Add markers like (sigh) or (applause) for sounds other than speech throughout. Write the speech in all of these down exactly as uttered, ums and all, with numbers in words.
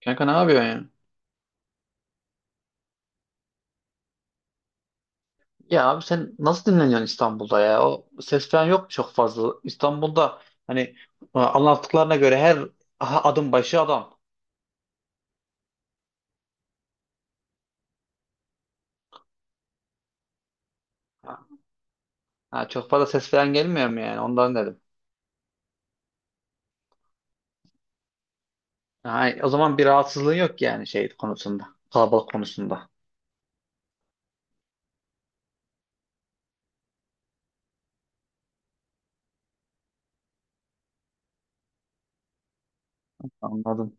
Kanka ne yapıyorsun ya? Ya abi sen nasıl dinleniyorsun İstanbul'da ya? O ses falan yok mu çok fazla? İstanbul'da hani e, anlattıklarına göre her aha, adım başı adam. Ha, ha, çok fazla ses falan gelmiyor mu yani? Ondan dedim. Ha, o zaman bir rahatsızlığın yok yani şey konusunda. Kalabalık konusunda. Anladım.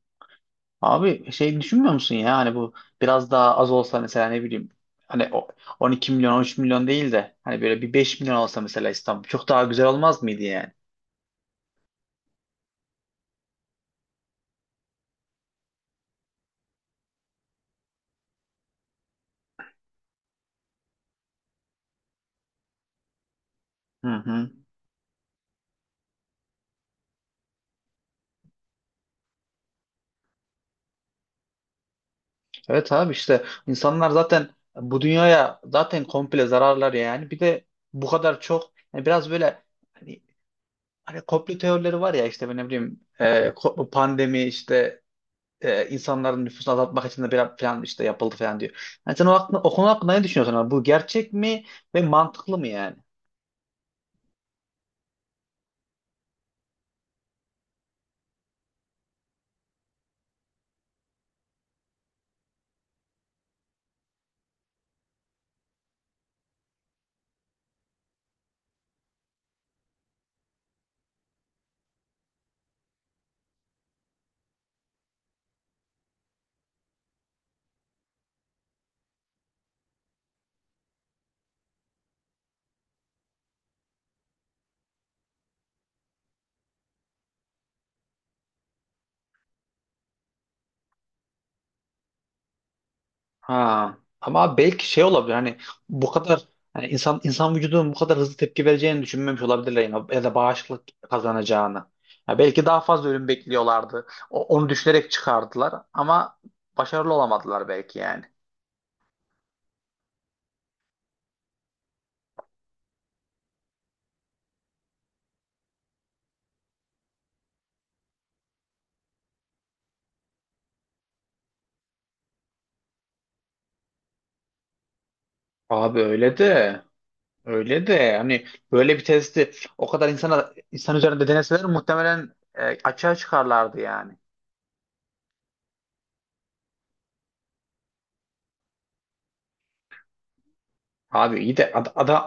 Abi şey düşünmüyor musun ya? Hani bu biraz daha az olsa mesela ne bileyim. Hani o on iki milyon on üç milyon değil de hani böyle bir beş milyon olsa mesela İstanbul çok daha güzel olmaz mıydı yani? Hı hı. Evet abi işte insanlar zaten bu dünyaya zaten komple zararlar yani. Bir de bu kadar çok yani biraz böyle hani, hani komplo teorileri var ya işte ben ne bileyim, e, ko- pandemi işte e, insanların nüfusunu azaltmak için de biraz falan işte yapıldı falan diyor. Yani sen o, hakkında, o konu hakkında ne düşünüyorsun abi? Bu gerçek mi ve mantıklı mı yani? Ha. Ama belki şey olabilir hani bu kadar hani insan insan vücudunun bu kadar hızlı tepki vereceğini düşünmemiş olabilirler yine, ya da bağışıklık kazanacağını. Ya belki daha fazla ölüm bekliyorlardı. O- onu düşünerek çıkardılar ama başarılı olamadılar belki yani. Abi öyle de öyle de hani böyle bir testi o kadar insana insan üzerinde deneseler muhtemelen, e, açığa çıkarlardı yani. Abi iyi de adam.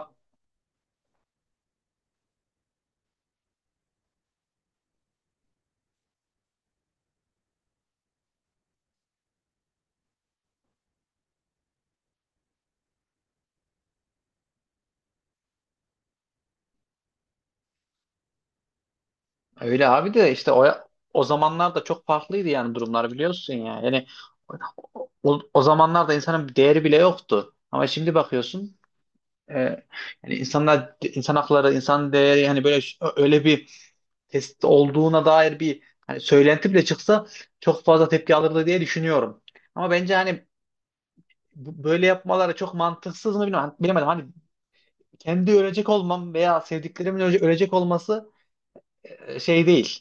Öyle abi de işte o o zamanlar da çok farklıydı yani durumlar biliyorsun ya. Yani o, o zamanlarda insanın bir değeri bile yoktu. Ama şimdi bakıyorsun e, yani insanlar, insan hakları, insan değeri yani böyle ş- öyle bir test olduğuna dair bir hani söylenti bile çıksa çok fazla tepki alırdı diye düşünüyorum. Ama bence hani bu- böyle yapmaları çok mantıksız mı bilmiyorum. Hani bilemedim. Hani kendi ölecek olmam veya sevdiklerimin öle- ölecek olması e, şey değil.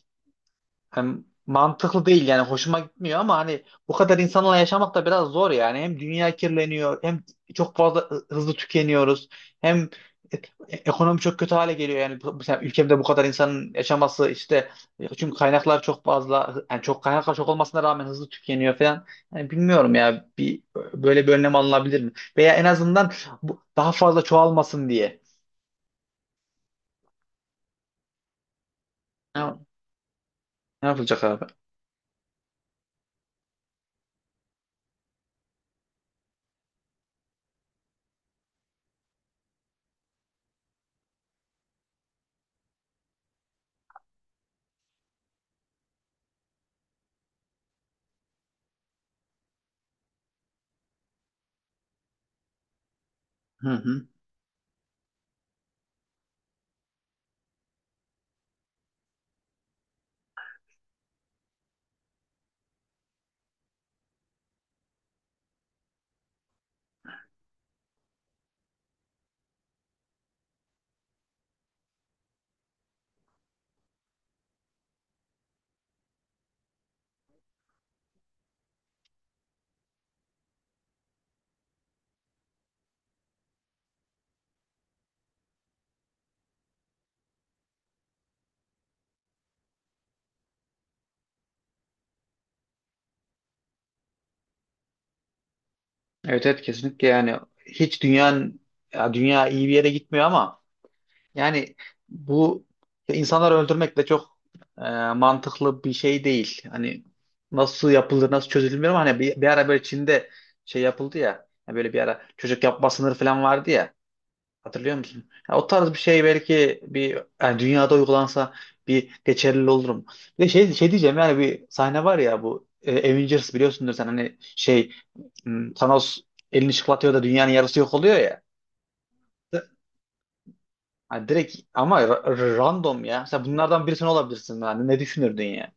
Hani mantıklı değil yani hoşuma gitmiyor ama hani bu kadar insanla yaşamak da biraz zor yani. Hem dünya kirleniyor hem çok fazla hı- hızlı tükeniyoruz. Hem e- e, ekonomi çok kötü hale geliyor yani. Bu- Mesela ülkemde bu kadar insanın yaşaması işte, e, çünkü kaynaklar çok fazla yani çok, kaynaklar çok olmasına rağmen hızlı tükeniyor falan. Yani bilmiyorum ya, bir böyle bir önlem alınabilir mi? Veya en azından bu daha fazla çoğalmasın diye. Ne, ne yapılacak abi? Hı hı. Evet evet kesinlikle yani, hiç dünyanın, ya dünya iyi bir yere gitmiyor ama yani bu insanları öldürmek de çok e, mantıklı bir şey değil. Hani nasıl yapıldı, nasıl çözülür bilmiyorum. Hani bir, bir ara böyle Çin'de şey yapıldı ya, hani böyle bir ara çocuk yapma sınırı falan vardı ya. Hatırlıyor musun? Ya o tarz bir şey belki bir yani dünyada uygulansa bir geçerli olurum. Bir de şey, şey diyeceğim, yani bir sahne var ya bu e, Avengers, biliyorsundur sen, hani şey, m, Thanos elini çıklatıyor da dünyanın yarısı yok oluyor ya. Hani direkt ama ra- random ya. Sen bunlardan birisi olabilirsin yani, ne düşünürdün ya?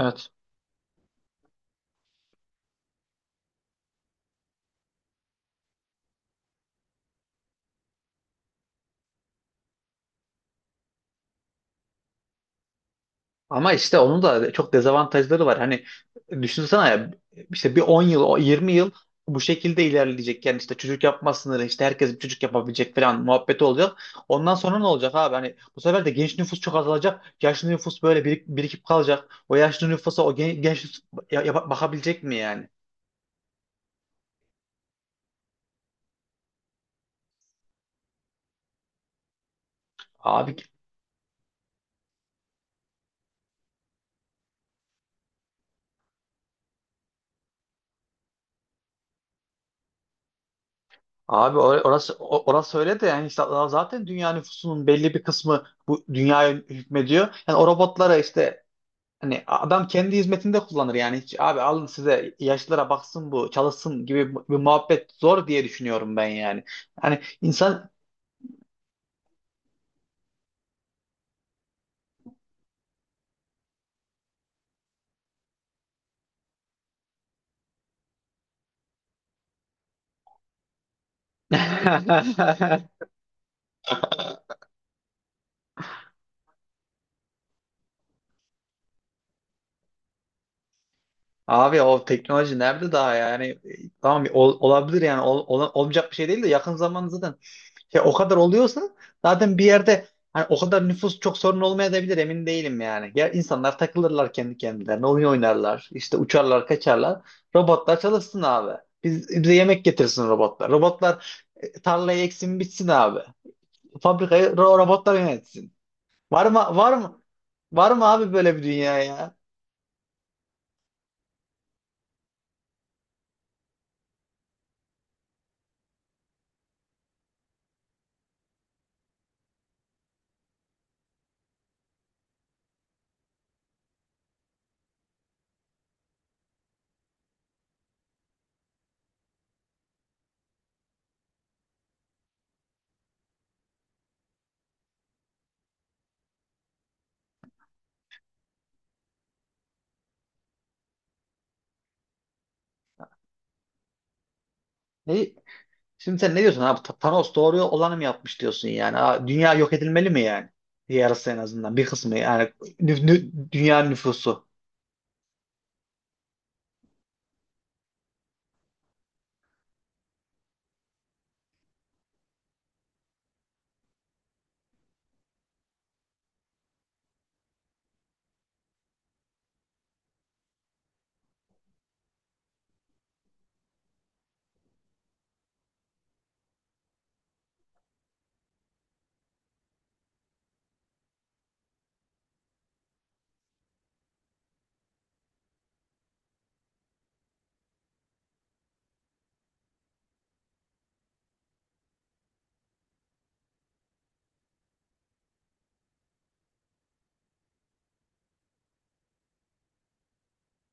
Evet. Ama işte onun da çok dezavantajları var. Hani düşünsene ya, işte bir on yıl, o yirmi yıl bu şekilde ilerleyecek. Yani işte çocuk yapma sınırı, işte herkes bir çocuk yapabilecek falan muhabbeti olacak. Ondan sonra ne olacak abi? Hani bu sefer de genç nüfus çok azalacak. Yaşlı nüfus böyle birik- birikip kalacak. O yaşlı nüfusa o gen- genç nüfus ya- yapa- bakabilecek mi yani? Abi abi, or- orası o- orası öyle de yani işte zaten dünya nüfusunun belli bir kısmı bu dünyaya hükmediyor. Yani o robotlara işte, hani adam kendi hizmetinde kullanır yani, hiç abi alın size, yaşlılara baksın bu çalışsın gibi bir muhabbet zor diye düşünüyorum ben yani. Hani insan. (laughs) Abi o teknoloji nerede daha yani, tamam ol- olabilir yani, Ol- ol- olmayacak bir şey değil de yakın zamanda zaten. Ya o kadar oluyorsa zaten bir yerde hani o kadar nüfus çok sorun olmayabilir, emin değilim yani. Ya insanlar takılırlar kendi kendilerine, oyun oynarlar, işte uçarlar, kaçarlar. Robotlar çalışsın abi. Biz, bize yemek getirsin robotlar. Robotlar e, tarlayı eksin bitsin abi. Fabrikayı ro- robotlar yönetsin. Var mı, var mı, var mı abi böyle bir dünya ya? Ne, şimdi sen ne diyorsun abi? Ta- Thanos doğru olanı mı yapmış diyorsun yani? Ha, dünya yok edilmeli mi yani? Yarısı, en azından bir kısmı yani, nü- nü- dünya nüfusu.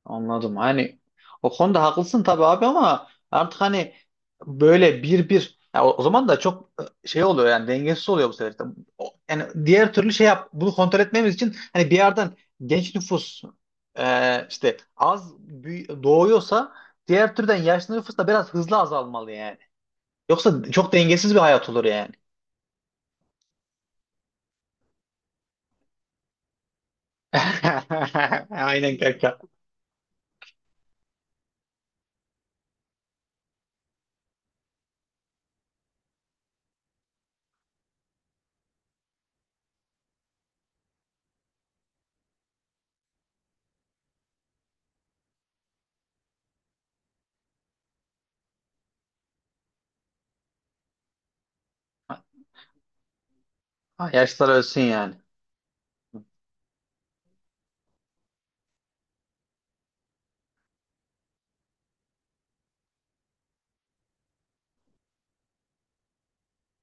Anladım. Hani o konuda haklısın tabii abi ama artık hani böyle bir bir ya, o, o zaman da çok e, şey oluyor yani, dengesiz oluyor bu sefer. İşte O- yani diğer türlü şey yap, bunu kontrol etmemiz için hani bir yerden genç nüfus e, işte az büyü- doğuyorsa, diğer türden yaşlı nüfus da biraz hızlı azalmalı yani. Yoksa çok dengesiz bir hayat olur yani. (laughs) Aynen kanka. Yaşlılar ölsün yani.